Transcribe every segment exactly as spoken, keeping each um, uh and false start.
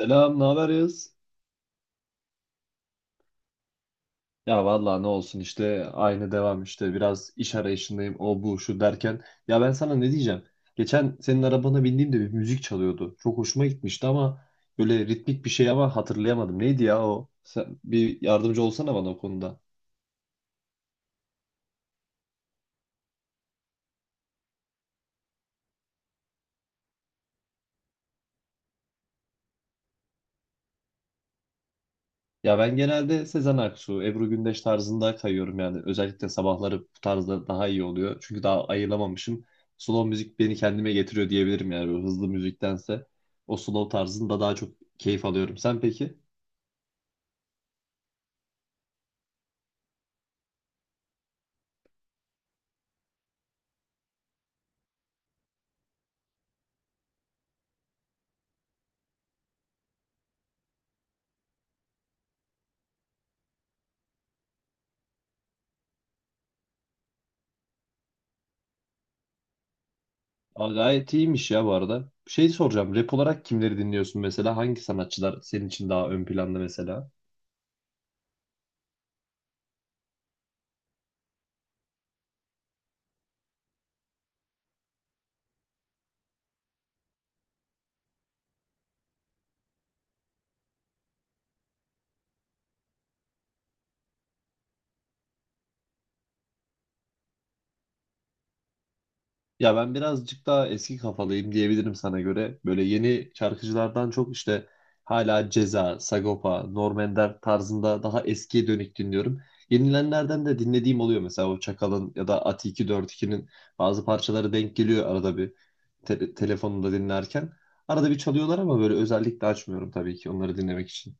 Selam, ne haber Yağız? Ya vallahi ne olsun işte aynı devam işte biraz iş arayışındayım o bu şu derken. Ya ben sana ne diyeceğim? Geçen senin arabana bindiğimde bir müzik çalıyordu. Çok hoşuma gitmişti ama böyle ritmik bir şey ama hatırlayamadım. Neydi ya o? Sen bir yardımcı olsana bana o konuda. Ya ben genelde Sezen Aksu, Ebru Gündeş tarzında kayıyorum yani. Özellikle sabahları bu tarzda daha iyi oluyor. Çünkü daha ayıramamışım. Slow müzik beni kendime getiriyor diyebilirim yani böyle hızlı müziktense. O slow tarzında daha çok keyif alıyorum. Sen peki? Aa, gayet iyiymiş ya bu arada. Şey soracağım, rap olarak kimleri dinliyorsun mesela? Hangi sanatçılar senin için daha ön planda mesela? Ya ben birazcık daha eski kafalıyım diyebilirim sana göre. Böyle yeni şarkıcılardan çok işte hala Ceza, Sagopa, Norm Ender tarzında daha eskiye dönük dinliyorum. Yenilenlerden de dinlediğim oluyor, mesela o Çakal'ın ya da Ati iki yüz kırk ikinin bazı parçaları denk geliyor arada bir te telefonumda dinlerken. Arada bir çalıyorlar ama böyle özellikle açmıyorum tabii ki onları dinlemek için.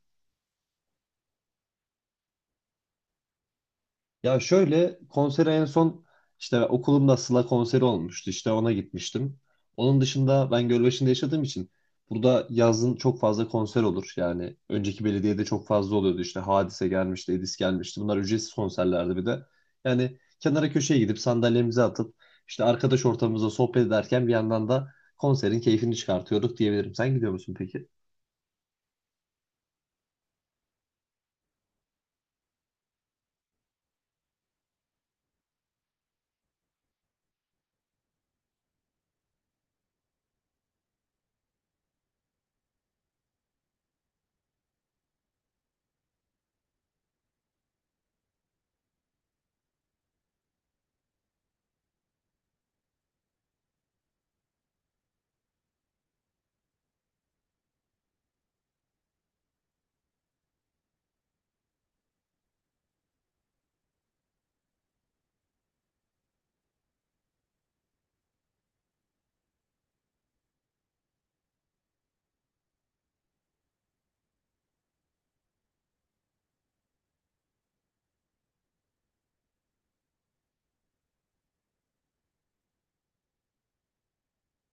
Ya şöyle, konsere en son işte okulumda Sıla konseri olmuştu. İşte ona gitmiştim. Onun dışında, ben Gölbaşı'nda yaşadığım için burada yazın çok fazla konser olur. Yani önceki belediyede çok fazla oluyordu. İşte Hadise gelmişti, Edis gelmişti. Bunlar ücretsiz konserlerdi bir de. Yani kenara köşeye gidip sandalyemizi atıp işte arkadaş ortamımızda sohbet ederken bir yandan da konserin keyfini çıkartıyorduk diyebilirim. Sen gidiyor musun peki?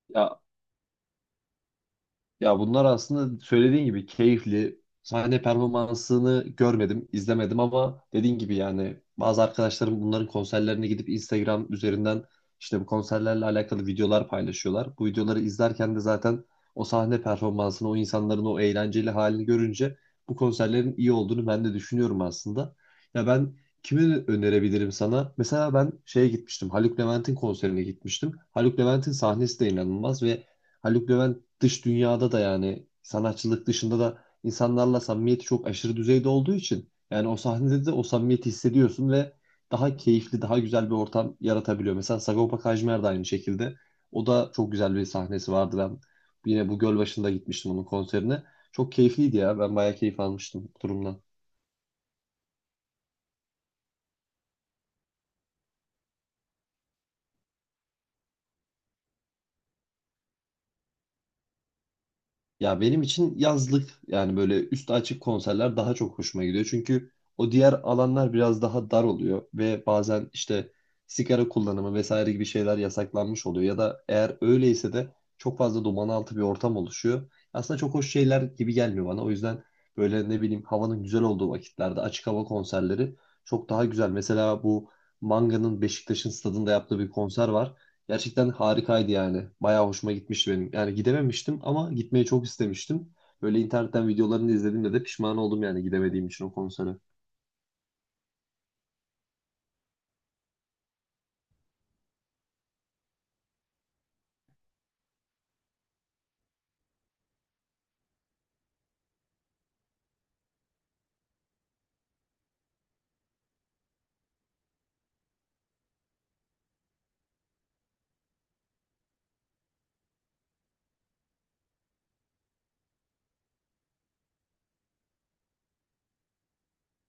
Ya. Ya, bunlar aslında söylediğin gibi keyifli. Sahne performansını görmedim, izlemedim ama dediğin gibi yani bazı arkadaşlarım bunların konserlerine gidip Instagram üzerinden işte bu konserlerle alakalı videolar paylaşıyorlar. Bu videoları izlerken de zaten o sahne performansını, o insanların o eğlenceli halini görünce bu konserlerin iyi olduğunu ben de düşünüyorum aslında. Ya ben kimi önerebilirim sana? Mesela ben şeye gitmiştim. Haluk Levent'in konserine gitmiştim. Haluk Levent'in sahnesi de inanılmaz ve Haluk Levent dış dünyada da yani sanatçılık dışında da insanlarla samimiyeti çok aşırı düzeyde olduğu için yani o sahnede de o samimiyeti hissediyorsun ve daha keyifli, daha güzel bir ortam yaratabiliyor. Mesela Sagopa Kajmer de aynı şekilde. O da çok güzel bir sahnesi vardı. Ben yine bu göl başında gitmiştim onun konserine. Çok keyifliydi ya. Ben bayağı keyif almıştım bu durumdan. Ya benim için yazlık yani böyle üstü açık konserler daha çok hoşuma gidiyor. Çünkü o diğer alanlar biraz daha dar oluyor ve bazen işte sigara kullanımı vesaire gibi şeyler yasaklanmış oluyor. Ya da eğer öyleyse de çok fazla duman altı bir ortam oluşuyor. Aslında çok hoş şeyler gibi gelmiyor bana. O yüzden böyle ne bileyim havanın güzel olduğu vakitlerde açık hava konserleri çok daha güzel. Mesela bu Manga'nın Beşiktaş'ın stadında yaptığı bir konser var. Gerçekten harikaydı yani. Bayağı hoşuma gitmişti benim. Yani gidememiştim ama gitmeyi çok istemiştim. Böyle internetten videolarını izlediğimde de pişman oldum yani gidemediğim için o konsere.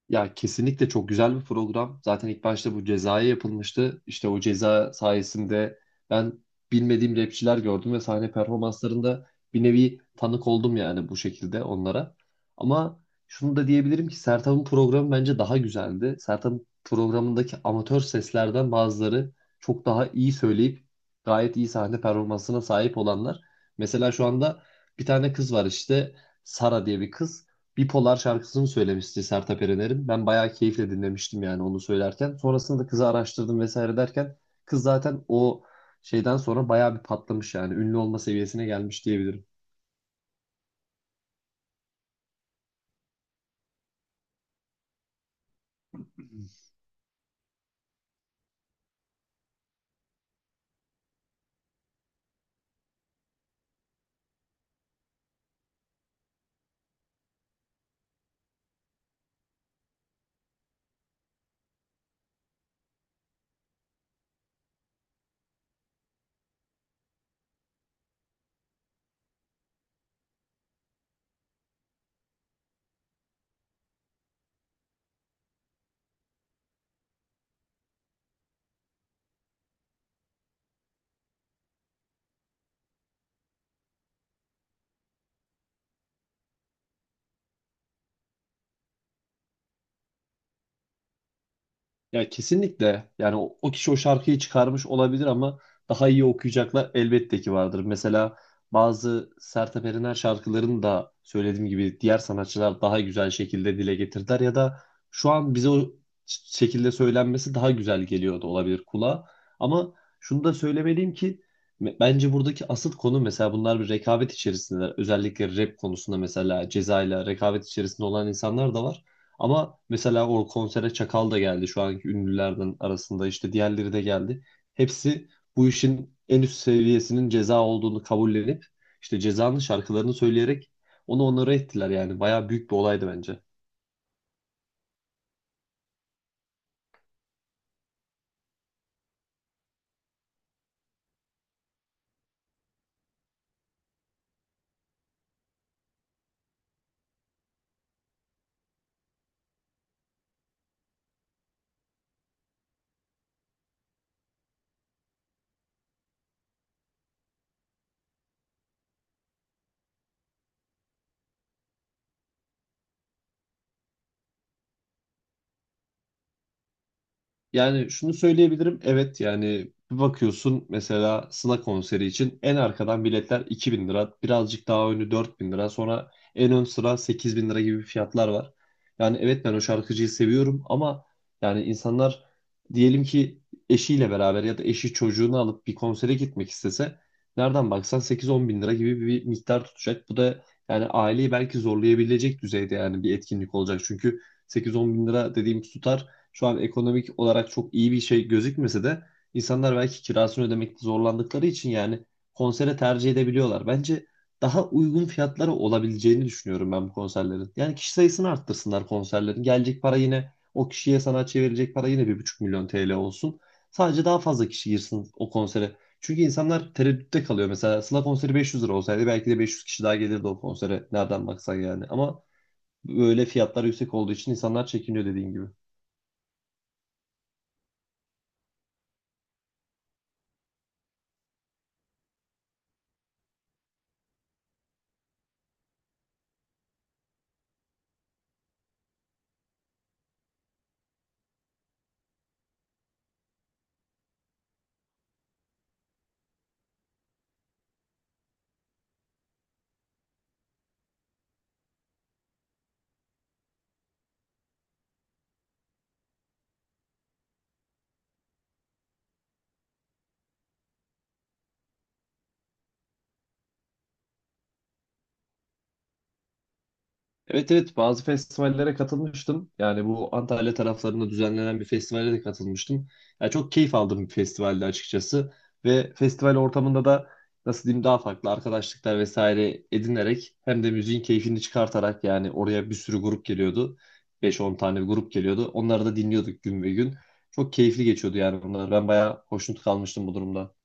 Ya kesinlikle çok güzel bir program. Zaten ilk başta bu cezaya yapılmıştı. İşte o ceza sayesinde ben bilmediğim rapçiler gördüm ve sahne performanslarında bir nevi tanık oldum yani bu şekilde onlara. Ama şunu da diyebilirim ki Sertab'ın programı bence daha güzeldi. Sertab'ın programındaki amatör seslerden bazıları çok daha iyi söyleyip gayet iyi sahne performansına sahip olanlar. Mesela şu anda bir tane kız var, işte Sara diye bir kız. Bipolar şarkısını söylemişti Sertab Erener'in. Ben bayağı keyifle dinlemiştim yani onu söylerken. Sonrasında da kızı araştırdım vesaire derken, kız zaten o şeyden sonra bayağı bir patlamış yani ünlü olma seviyesine gelmiş diyebilirim. Ya kesinlikle yani o, o kişi o şarkıyı çıkarmış olabilir ama daha iyi okuyacaklar elbette ki vardır. Mesela bazı Sertab Erener şarkılarını da söylediğim gibi diğer sanatçılar daha güzel şekilde dile getirdiler, ya da şu an bize o ş- şekilde söylenmesi daha güzel geliyor da olabilir kulağa. Ama şunu da söylemeliyim ki me- bence buradaki asıl konu, mesela bunlar bir rekabet içerisinde. Özellikle rap konusunda mesela Ceza ile rekabet içerisinde olan insanlar da var. Ama mesela o konsere Çakal da geldi, şu anki ünlülerden arasında işte diğerleri de geldi. Hepsi bu işin en üst seviyesinin ceza olduğunu kabullenip işte cezanın şarkılarını söyleyerek onu onlara ettiler yani. Bayağı büyük bir olaydı bence. Yani şunu söyleyebilirim. Evet, yani bir bakıyorsun, mesela Sına konseri için en arkadan biletler iki bin lira. Birazcık daha önü dört bin lira. Sonra en ön sıra sekiz bin lira gibi fiyatlar var. Yani evet, ben o şarkıcıyı seviyorum ama yani insanlar diyelim ki eşiyle beraber ya da eşi çocuğunu alıp bir konsere gitmek istese nereden baksan sekiz on bin lira gibi bir miktar tutacak. Bu da yani aileyi belki zorlayabilecek düzeyde yani bir etkinlik olacak. Çünkü sekiz on bin lira dediğimiz tutar şu an ekonomik olarak çok iyi bir şey gözükmese de insanlar belki kirasını ödemekte zorlandıkları için yani konsere tercih edebiliyorlar. Bence daha uygun fiyatlara olabileceğini düşünüyorum ben bu konserlerin. Yani kişi sayısını arttırsınlar konserlerin. Gelecek para yine o kişiye, sanatçıya verecek para yine bir buçuk milyon T L olsun. Sadece daha fazla kişi girsin o konsere. Çünkü insanlar tereddütte kalıyor. Mesela Sıla konseri beş yüz lira olsaydı belki de beş yüz kişi daha gelirdi o konsere. Nereden baksan yani. Ama böyle fiyatlar yüksek olduğu için insanlar çekiniyor, dediğin gibi. Evet, evet, bazı festivallere katılmıştım. Yani bu Antalya taraflarında düzenlenen bir festivale de katılmıştım. Yani çok keyif aldığım bir festivaldi açıkçası. Ve festival ortamında da nasıl diyeyim, daha farklı arkadaşlıklar vesaire edinerek hem de müziğin keyfini çıkartarak, yani oraya bir sürü grup geliyordu. Beş on tane bir grup geliyordu. Onları da dinliyorduk gün ve gün. Çok keyifli geçiyordu yani bunlar. Ben bayağı hoşnut kalmıştım bu durumda.